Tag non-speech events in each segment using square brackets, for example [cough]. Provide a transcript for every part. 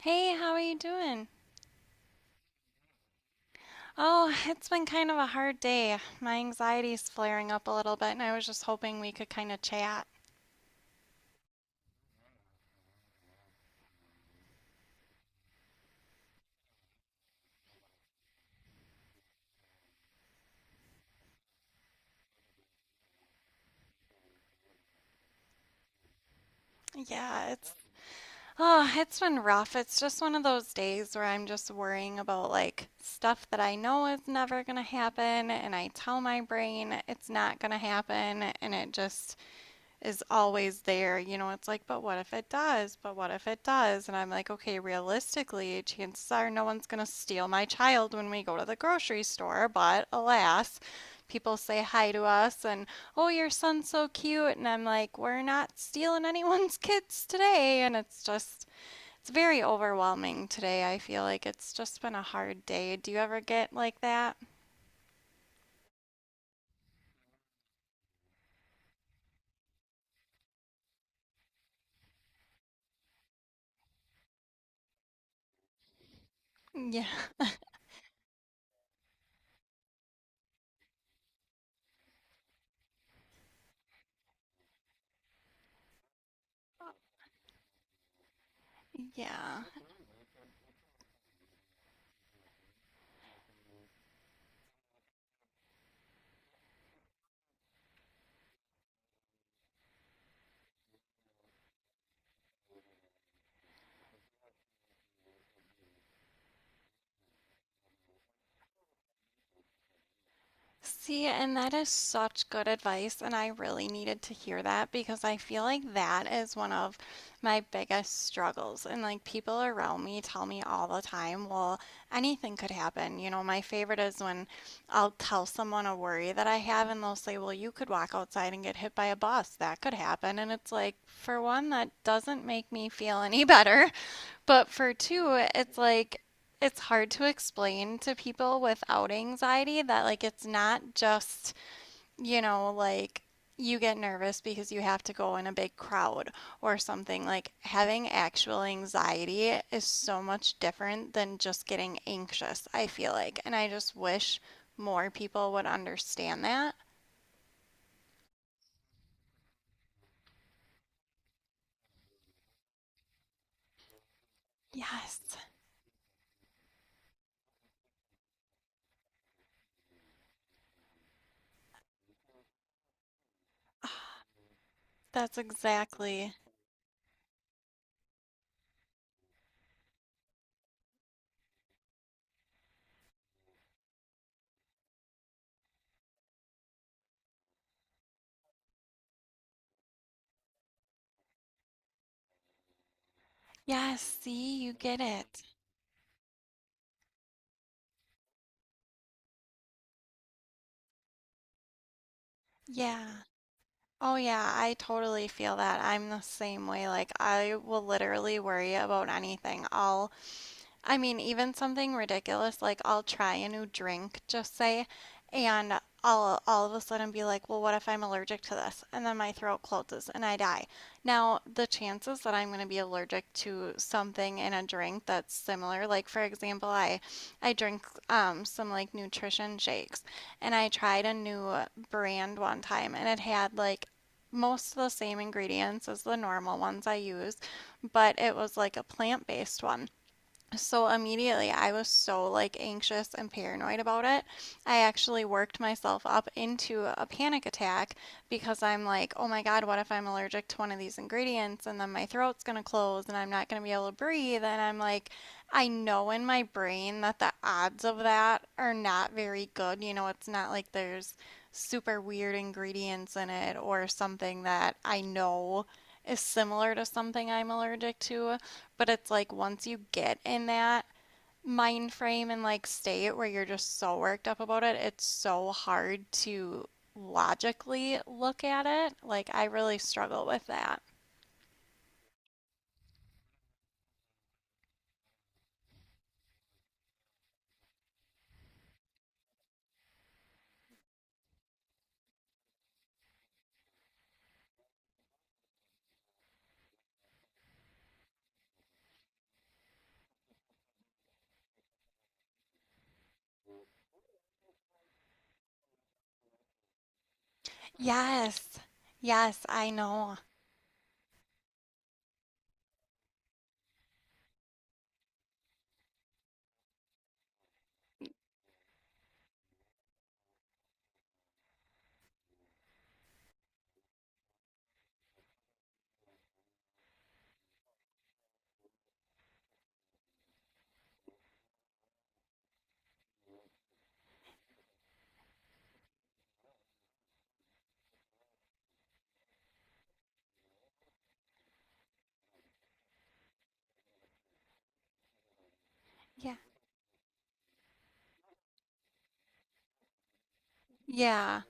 Hey, how are you doing? Oh, it's been kind of a hard day. My anxiety's flaring up a little bit, and I was just hoping we could kind of chat. Yeah, it's oh, it's been rough. It's just one of those days where I'm just worrying about like stuff that I know is never gonna happen, and I tell my brain it's not gonna happen, and it just is always there. You know, it's like, but what if it does? But what if it does? And I'm like, okay, realistically, chances are no one's going to steal my child when we go to the grocery store. But alas, people say hi to us and, oh, your son's so cute. And I'm like, we're not stealing [laughs] anyone's kids today. And it's just, it's very overwhelming today. I feel like it's just been a hard day. Do you ever get like that? Yeah. [laughs] Yeah. See, and that is such good advice, and I really needed to hear that because I feel like that is one of my biggest struggles. And like people around me tell me all the time, well, anything could happen. You know, my favorite is when I'll tell someone a worry that I have, and they'll say, well, you could walk outside and get hit by a bus. That could happen. And it's like, for one, that doesn't make me feel any [laughs] better. But for two, it's like it's hard to explain to people without anxiety that like it's not just, you know, like you get nervous because you have to go in a big crowd or something. Like having actual anxiety is so much different than just getting anxious, I feel like. And I just wish more people would understand that. Yes, that's exactly. Yes, see, you get it. Yeah. Oh yeah, I totally feel that. I'm the same way. Like I will literally worry about anything. I'll I mean, even something ridiculous like I'll try a new drink, just say, and I'll all of a sudden be like, well, what if I'm allergic to this? And then my throat closes and I die. Now, the chances that I'm going to be allergic to something in a drink that's similar, like for example, I drink some like nutrition shakes, and I tried a new brand one time, and it had like most of the same ingredients as the normal ones I use, but it was like a plant-based one. So immediately, I was so like anxious and paranoid about it. I actually worked myself up into a panic attack because I'm like, oh my God, what if I'm allergic to one of these ingredients and then my throat's gonna close and I'm not gonna be able to breathe? And I'm like, I know in my brain that the odds of that are not very good. You know, it's not like there's super weird ingredients in it or something that I know is similar to something I'm allergic to. But it's like once you get in that mind frame and like state where you're just so worked up about it, it's so hard to logically look at it. Like I really struggle with that. Yes. Yes, I know. Yeah. Yeah.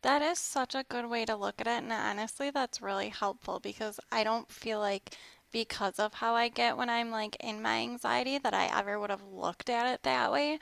That is such a good way to look at it. And honestly, that's really helpful because I don't feel like because of how I get when I'm like in my anxiety that I ever would have looked at it that way.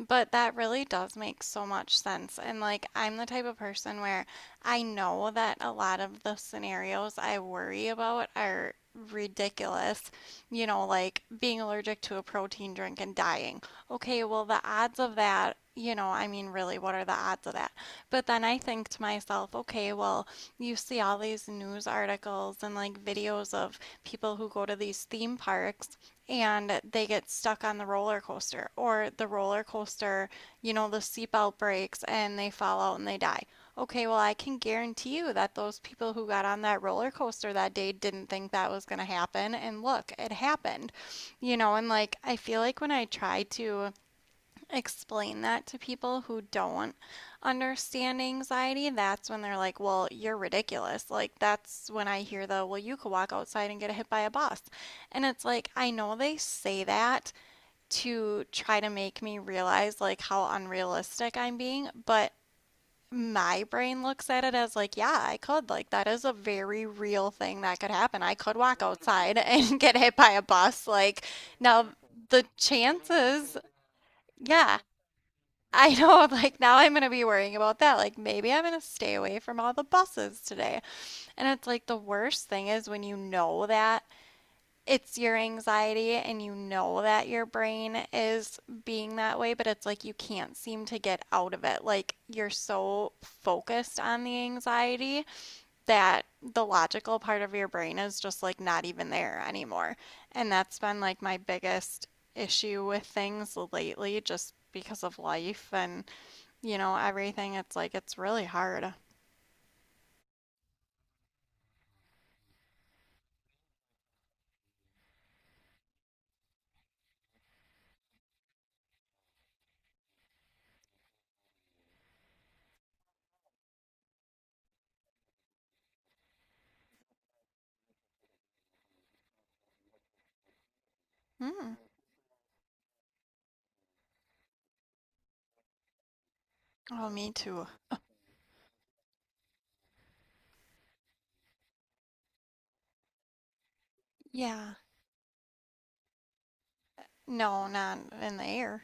But that really does make so much sense. And like, I'm the type of person where I know that a lot of the scenarios I worry about are ridiculous. You know, like being allergic to a protein drink and dying. Okay, well, the odds of that, you know, I mean, really, what are the odds of that? But then I think to myself, okay, well, you see all these news articles and like videos of people who go to these theme parks and they get stuck on the roller coaster, or the roller coaster, you know, the seatbelt breaks and they fall out and they die. Okay, well, I can guarantee you that those people who got on that roller coaster that day didn't think that was going to happen. And look, it happened, you know, and like I feel like when I try to explain that to people who don't understand anxiety, that's when they're like, well, you're ridiculous. Like, that's when I hear the, well, you could walk outside and get hit by a bus. And it's like, I know they say that to try to make me realize like how unrealistic I'm being, but my brain looks at it as like, yeah, I could. Like, that is a very real thing that could happen. I could walk outside and [laughs] get hit by a bus. Like, now the chances, yeah. I know, I'm like, now I'm gonna be worrying about that. Like, maybe I'm gonna stay away from all the buses today. And it's like the worst thing is when you know that it's your anxiety and you know that your brain is being that way, but it's like you can't seem to get out of it. Like, you're so focused on the anxiety that the logical part of your brain is just like not even there anymore. And that's been like my biggest issue with things lately, just because of life and you know, everything. It's like it's really hard. Mm. Oh, me too. Yeah. No, not in the air.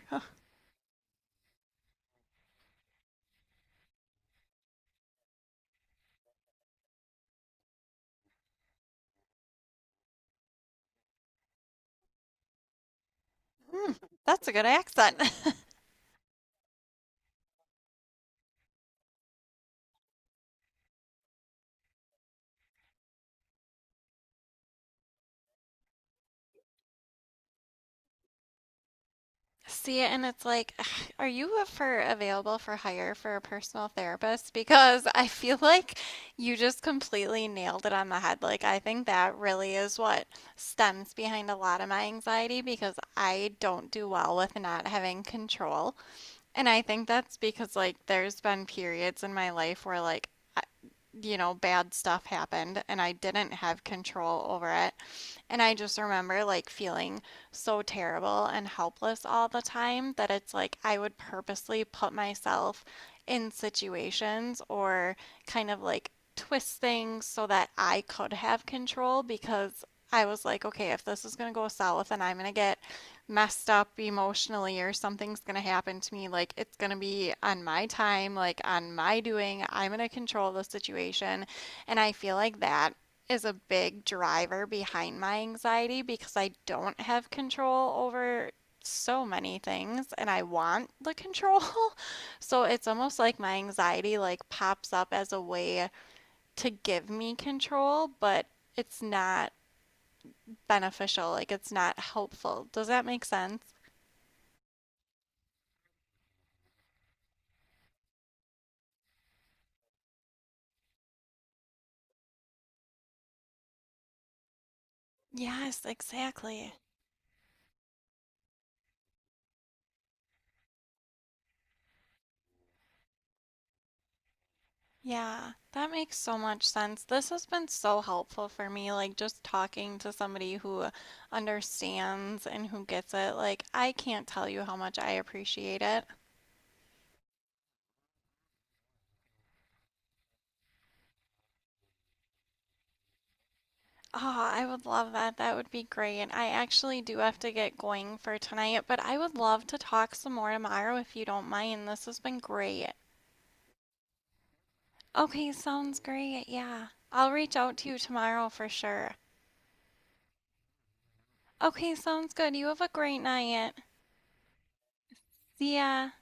Mm, that's a good accent. [laughs] See, and it's like, [sighs] are you for available for hire for a personal therapist? Because I feel like you just completely nailed it on the head. Like, I think that really is what stems behind a lot of my anxiety because I don't do well with not having control. And I think that's because, like, there's been periods in my life where, like, you know, bad stuff happened and I didn't have control over it. And I just remember like feeling so terrible and helpless all the time that it's like I would purposely put myself in situations or kind of like twist things so that I could have control because I was like, okay, if this is going to go south and I'm going to get messed up emotionally or something's going to happen to me, like it's going to be on my time, like on my doing. I'm going to control the situation. And I feel like that is a big driver behind my anxiety because I don't have control over so many things and I want the control. [laughs] So it's almost like my anxiety like pops up as a way to give me control, but it's not beneficial, like it's not helpful. Does that make sense? Yes, exactly. Yeah, that makes so much sense. This has been so helpful for me, like just talking to somebody who understands and who gets it. Like, I can't tell you how much I appreciate it. Oh, I would love that. That would be great. I actually do have to get going for tonight, but I would love to talk some more tomorrow if you don't mind. This has been great. Okay, sounds great. Yeah, I'll reach out to you tomorrow for sure. Okay, sounds good. You have a great night. See ya.